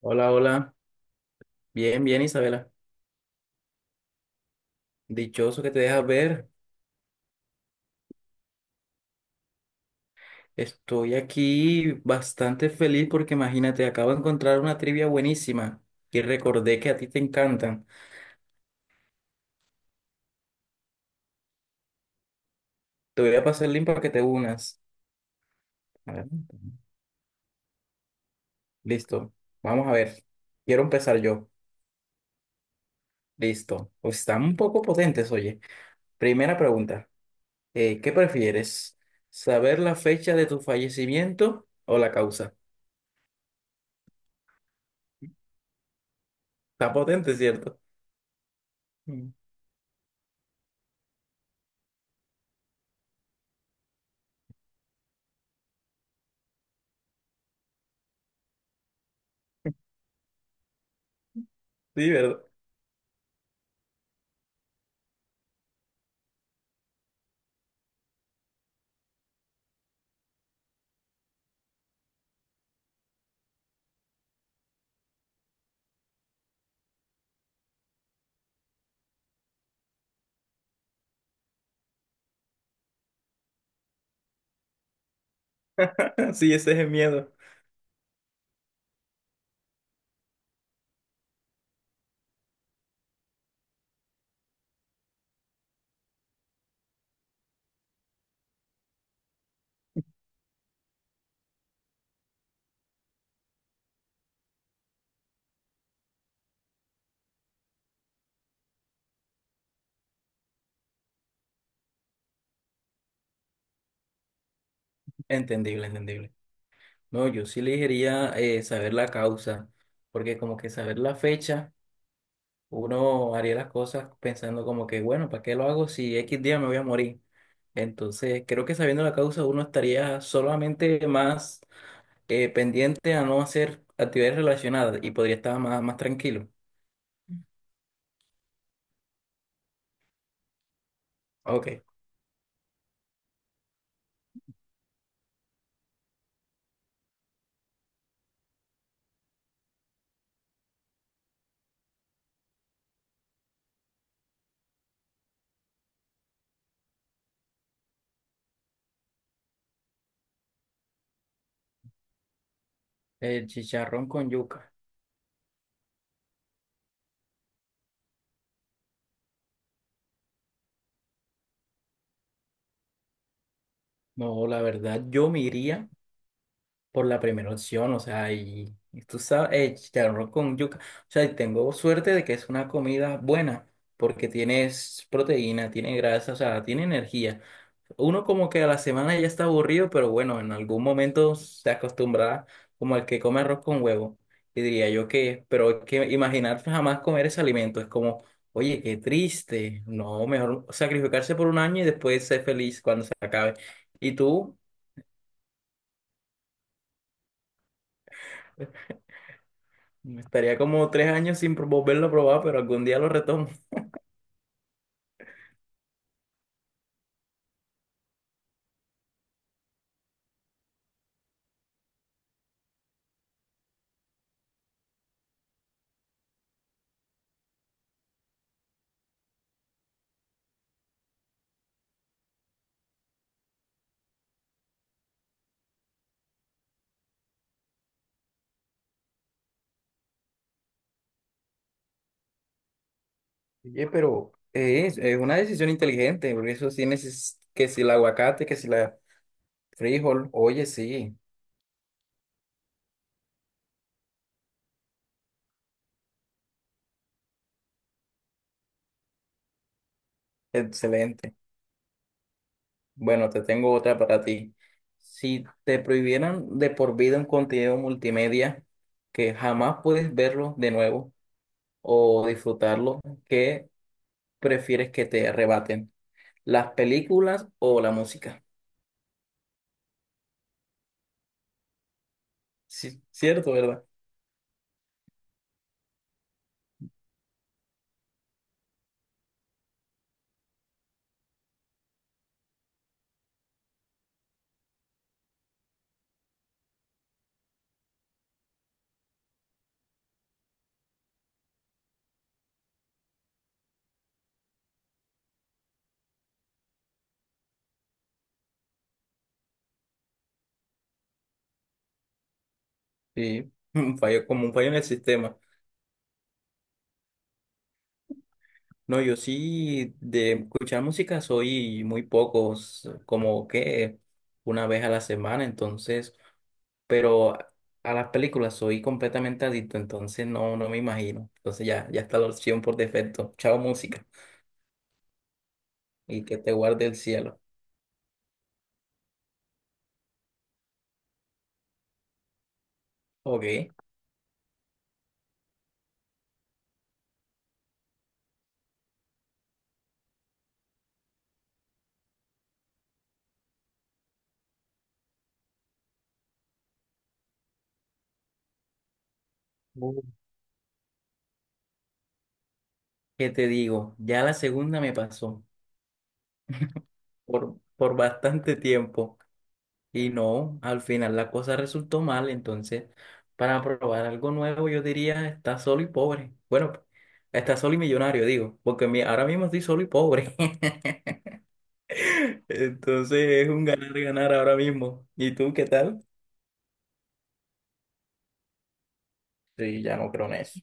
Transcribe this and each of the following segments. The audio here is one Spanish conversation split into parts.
Hola, hola. Bien, bien, Isabela. Dichoso que te dejas ver. Estoy aquí bastante feliz porque imagínate, acabo de encontrar una trivia buenísima y recordé que a ti te encantan. Te voy a pasar el link para que te unas. A ver. Listo. Vamos a ver. Quiero empezar yo. Listo. Pues están un poco potentes, oye. Primera pregunta. ¿Qué prefieres? ¿Saber la fecha de tu fallecimiento o la causa? Está potente, ¿cierto? Mm. Sí, ¿verdad? Sí, ese es el miedo. Entendible, entendible. No, yo sí elegiría, saber la causa, porque como que saber la fecha, uno haría las cosas pensando como que, bueno, ¿para qué lo hago si X día me voy a morir? Entonces, creo que sabiendo la causa, uno estaría solamente más pendiente a no hacer actividades relacionadas y podría estar más, más tranquilo. Ok. El chicharrón con yuca. No, la verdad, yo me iría por la primera opción, o sea, y tú sabes, chicharrón con yuca, o sea, y tengo suerte de que es una comida buena, porque tienes proteína, tiene grasa, o sea, tiene energía. Uno como que a la semana ya está aburrido, pero bueno, en algún momento se acostumbrará como el que come arroz con huevo, y diría yo que, pero es que imaginar jamás comer ese alimento es como... Oye, qué triste. No, mejor sacrificarse por un año y después ser feliz cuando se acabe. ¿Y tú? Estaría como tres años sin volverlo a probar, pero algún día lo retomo. Oye, pero es una decisión inteligente, porque eso sí neces- que si el aguacate, que si la frijol, oye, sí, excelente. Bueno, te tengo otra para ti. Si te prohibieran de por vida un contenido multimedia que jamás puedes verlo de nuevo o disfrutarlo, ¿qué prefieres que te arrebaten? ¿Las películas o la música? Sí, cierto, ¿verdad? Sí, un fallo, como un fallo en el sistema. No, yo sí de escuchar música soy muy pocos, como que una vez a la semana, entonces, pero a las películas soy completamente adicto, entonces no, no me imagino. Entonces ya, ya está la opción por defecto. Chao música y que te guarde el cielo. Ok. Uh, ¿Qué te digo? Ya la segunda me pasó por bastante tiempo. Y no, al final la cosa resultó mal, entonces para probar algo nuevo yo diría está solo y pobre. Bueno, está solo y millonario, digo, porque mi- ahora mismo estoy solo y pobre. Entonces es un ganar-ganar ahora mismo. ¿Y tú qué tal? Sí, ya no creo en eso.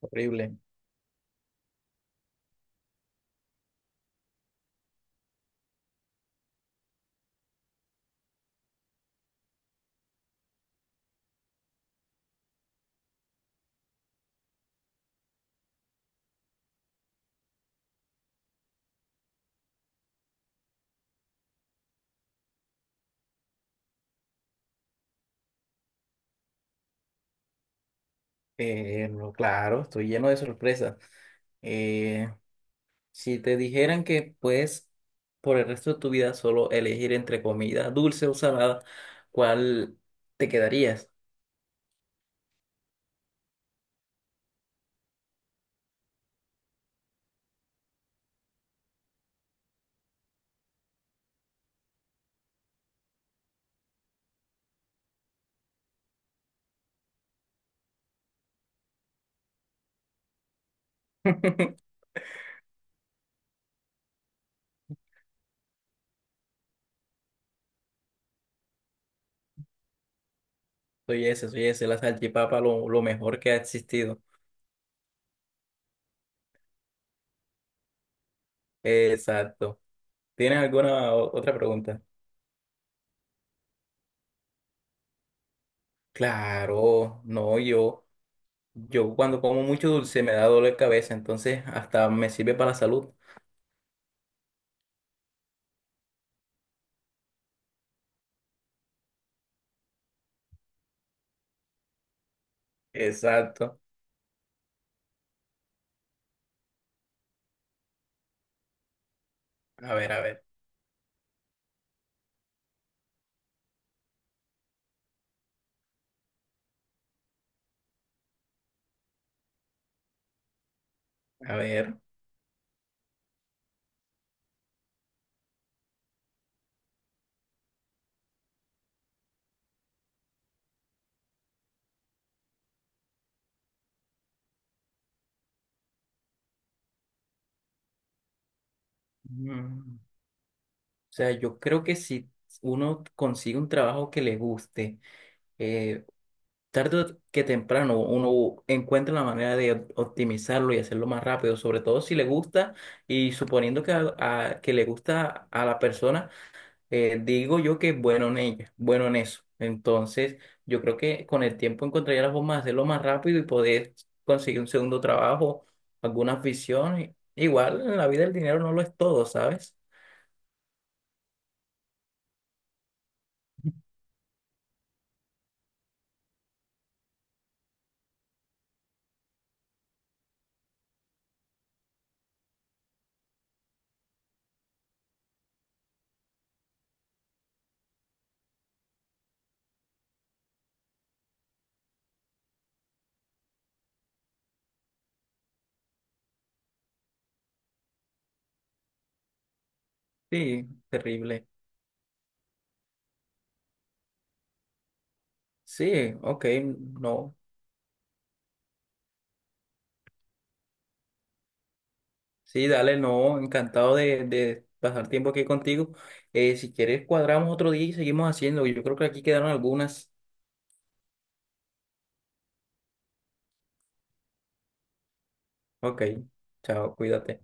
Horrible. No, claro, estoy lleno de sorpresas. Eh, si te dijeran que puedes por el resto de tu vida solo elegir entre comida dulce o salada, ¿cuál te quedarías? Soy ese, la salchipapa lo mejor que ha existido. Exacto. ¿Tienes alguna o- otra pregunta? Claro, no, yo cuando como mucho dulce me da dolor de cabeza, entonces hasta me sirve para la salud. Exacto. A ver, a ver, a ver. Mm, o sea, yo creo que si uno consigue un trabajo que le guste, eh, tarde o que temprano uno encuentra la manera de optimizarlo y hacerlo más rápido, sobre todo si le gusta y suponiendo que, que le gusta a la persona, digo yo que es bueno en ella, bueno en eso. Entonces, yo creo que con el tiempo encontraría la forma de hacerlo más rápido y poder conseguir un segundo trabajo, alguna afición. Igual en la vida el dinero no lo es todo, ¿sabes? Sí, terrible. Sí, ok, no. Sí, dale, no, encantado de pasar tiempo aquí contigo. Si quieres, cuadramos otro día y seguimos haciendo. Yo creo que aquí quedaron algunas. Ok, chao, cuídate.